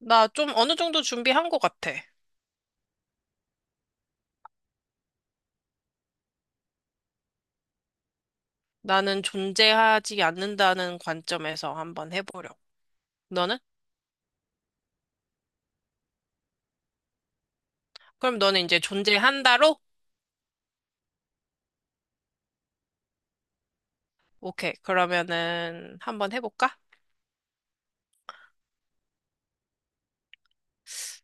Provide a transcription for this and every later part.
나 좀 어느 정도 준비한 것 같아. 나는 존재하지 않는다는 관점에서 한번 해보려. 너는? 그럼 너는 이제 존재한다로? 오케이. 그러면은 한번 해볼까?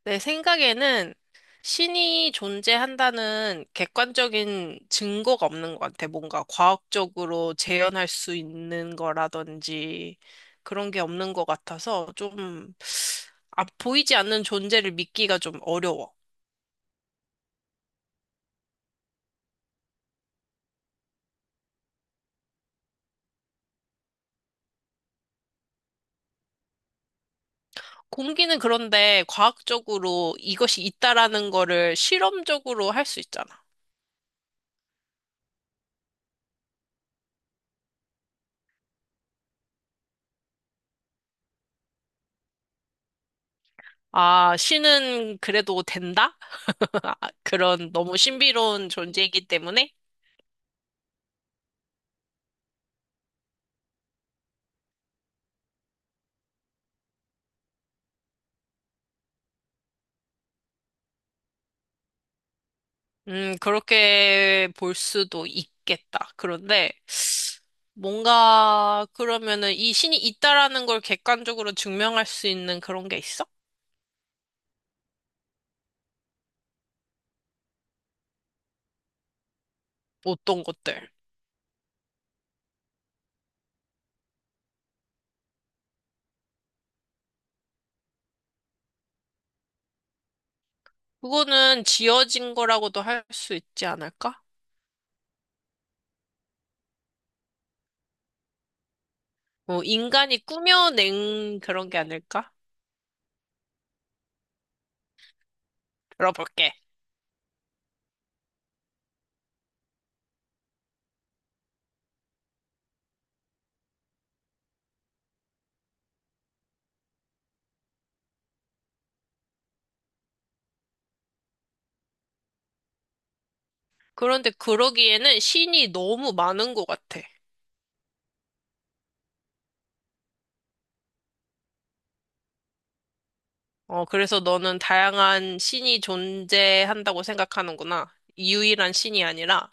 내 생각에는 신이 존재한다는 객관적인 증거가 없는 것 같아. 뭔가 과학적으로 재현할 수 있는 거라든지 그런 게 없는 것 같아서 좀, 아, 보이지 않는 존재를 믿기가 좀 어려워. 공기는 그런데 과학적으로 이것이 있다라는 거를 실험적으로 할 수 있잖아. 아, 신은 그래도 된다? 아, 그런 너무 신비로운 존재이기 때문에, 그렇게 볼 수도 있겠다. 그런데 뭔가 그러면은 이 신이 있다라는 걸 객관적으로 증명할 수 있는 그런 게 있어? 어떤 것들? 그거는 지어진 거라고도 할 수 있지 않을까? 뭐 인간이 꾸며낸 그런 게 아닐까? 들어볼게. 그런데 그러기에는 신이 너무 많은 것 같아. 어, 그래서 너는 다양한 신이 존재한다고 생각하는구나. 유일한 신이 아니라.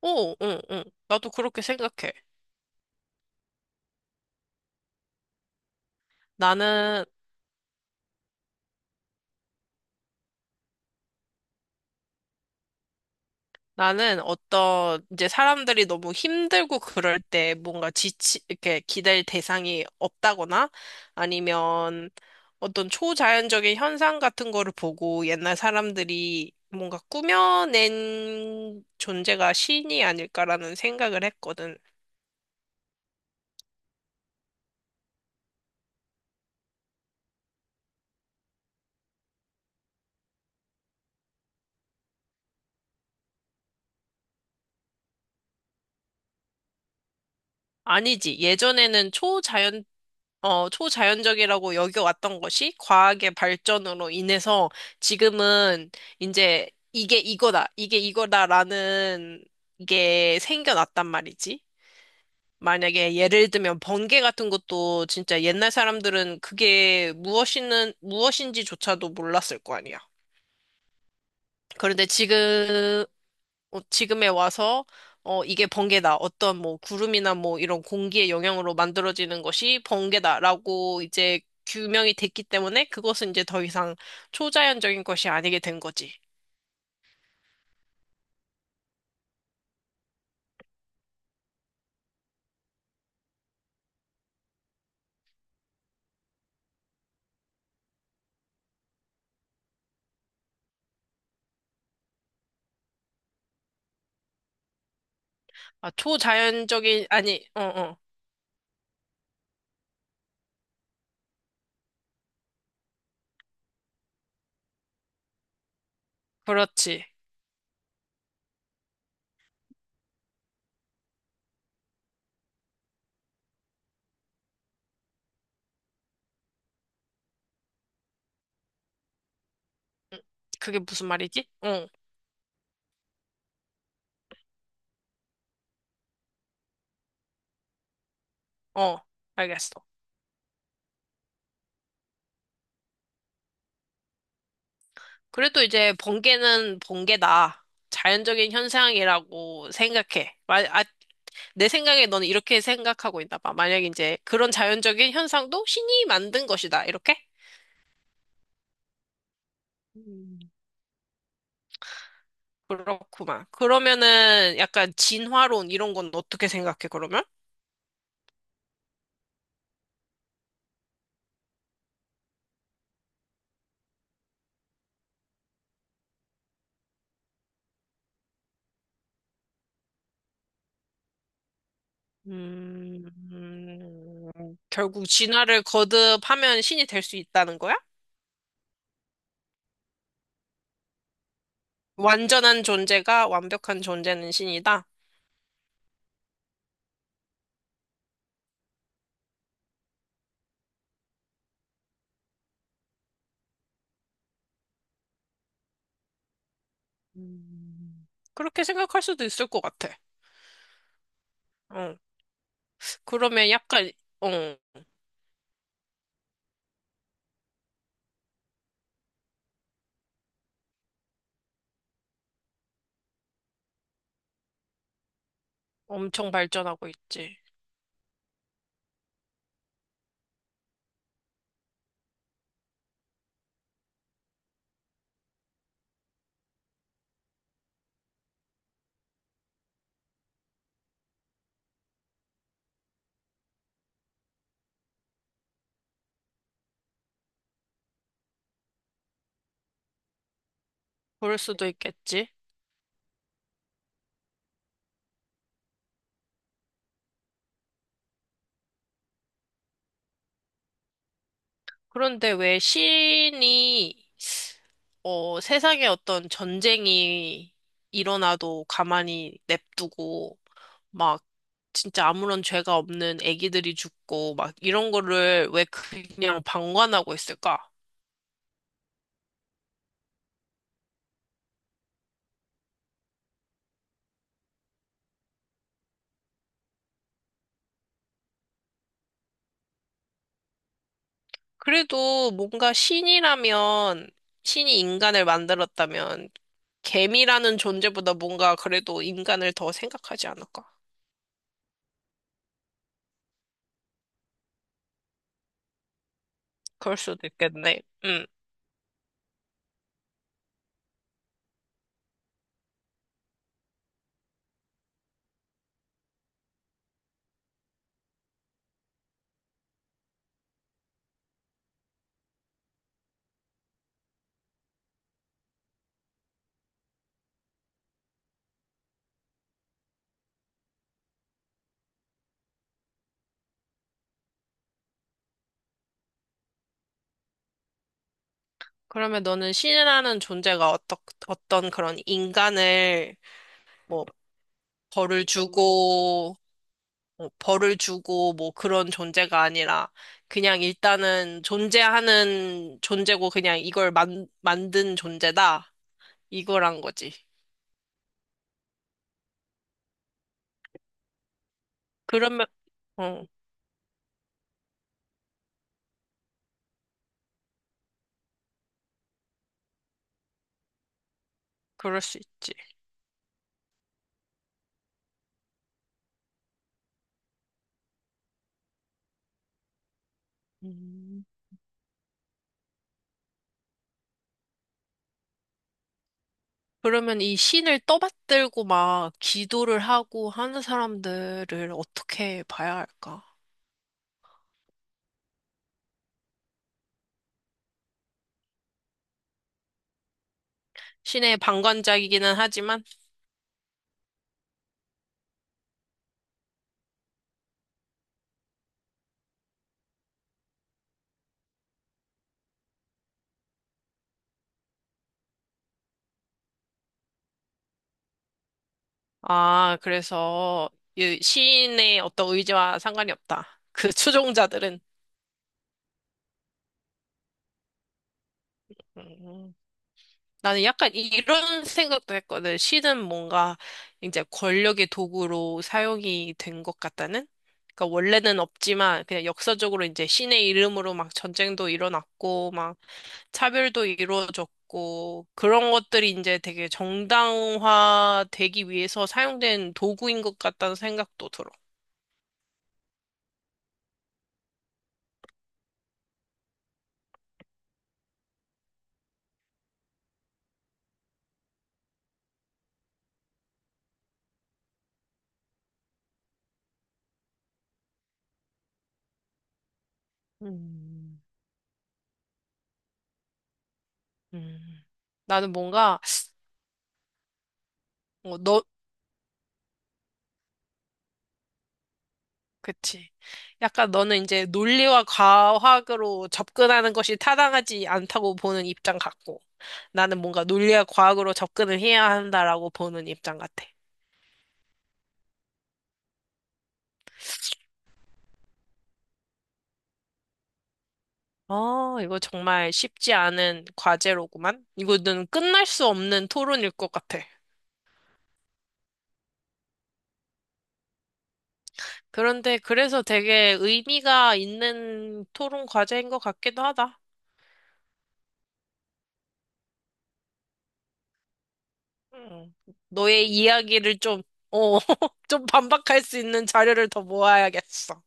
오, 응, 응. 나도 그렇게 생각해. 나는 나는 어떤 이제 사람들이 너무 힘들고 그럴 때 뭔가 지치 이렇게 기댈 대상이 없다거나 아니면 어떤 초자연적인 현상 같은 거를 보고 옛날 사람들이 뭔가 꾸며낸 존재가 신이 아닐까라는 생각을 했거든. 아니지. 예전에는 어, 초자연적이라고 여겨왔던 것이 과학의 발전으로 인해서 지금은 이제 이게 이거다, 이게 이거다라는 게 생겨났단 말이지. 만약에 예를 들면 번개 같은 것도 진짜 옛날 사람들은 그게 무엇인지조차도 몰랐을 거 아니야. 그런데 지금, 어, 지금에 와서 어, 이게 번개다. 어떤 뭐 구름이나 뭐 이런 공기의 영향으로 만들어지는 것이 번개다라고 이제 규명이 됐기 때문에 그것은 이제 더 이상 초자연적인 것이 아니게 된 거지. 아, 초자연적인 아니, 어, 어. 그렇지. 그게 무슨 말이지? 응, 어, 알겠어. 그래도 이제 번개는 번개다. 자연적인 현상이라고 생각해. 아, 내 생각에 너는 이렇게 생각하고 있나 봐. 만약 이제 그런 자연적인 현상도 신이 만든 것이다. 이렇게? 음. 그렇구만. 그러면은 약간 진화론 이런 건 어떻게 생각해, 그러면? 음, 결국 진화를 거듭하면 신이 될 수 있다는 거야? 완전한 존재가 완벽한 존재는 신이다? 음, 그렇게 생각할 수도 있을 것 같아. 어, 그러면 약간, 어, 엄청 발전하고 있지. 그럴 수도 있겠지. 그런데 왜 신이 어, 세상에 어떤 전쟁이 일어나도 가만히 냅두고 막 진짜 아무런 죄가 없는 아기들이 죽고 막 이런 거를 왜 그냥 방관하고 있을까? 그래도 뭔가 신이라면 신이 인간을 만들었다면 개미라는 존재보다 뭔가 그래도 인간을 더 생각하지 않을까? 그럴 수도 있겠네. 음. 그러면 너는 신이라는 존재가 어떠, 어떤 그런 인간을 뭐 벌을 주고 뭐 그런 존재가 아니라 그냥 일단은 존재하는 존재고 그냥 이걸 만, 만든 존재다 이거란 거지. 그러면 어 그럴 수 있지. 음. 그러면 이 신을 떠받들고 막 기도를 하고 하는 사람들을 어떻게 봐야 할까? 신의 방관자이기는 하지만 아, 그래서 이 시인의 어떤 의지와 상관이 없다. 그 추종자들은. 음, 나는 약간 이런 생각도 했거든. 시는 뭔가 이제 권력의 도구로 사용이 된 것 같다는? 그러니까 원래는 없지만 그냥 역사적으로 이제 신의 이름으로 막 전쟁도 일어났고 막 차별도 이루어졌고 그런 것들이 이제 되게 정당화되기 위해서 사용된 도구인 것 같다는 생각도 들어. 음, 음. 나는 뭔가, 어, 너, 그치. 약간 너는 이제 논리와 과학으로 접근하는 것이 타당하지 않다고 보는 입장 같고, 나는 뭔가 논리와 과학으로 접근을 해야 한다라고 보는 입장 같아. 어, 이거 정말 쉽지 않은 과제로구만. 이거는 끝날 수 없는 토론일 것 같아. 그런데 그래서 되게 의미가 있는 토론 과제인 것 같기도 하다. 음, 너의 이야기를 좀, 어, 좀 반박할 수 있는 자료를 더 모아야겠어.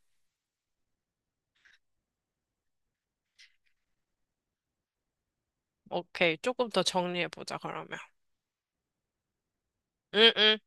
오케이, 조금 더 정리해보자, 그러면. 응, 응.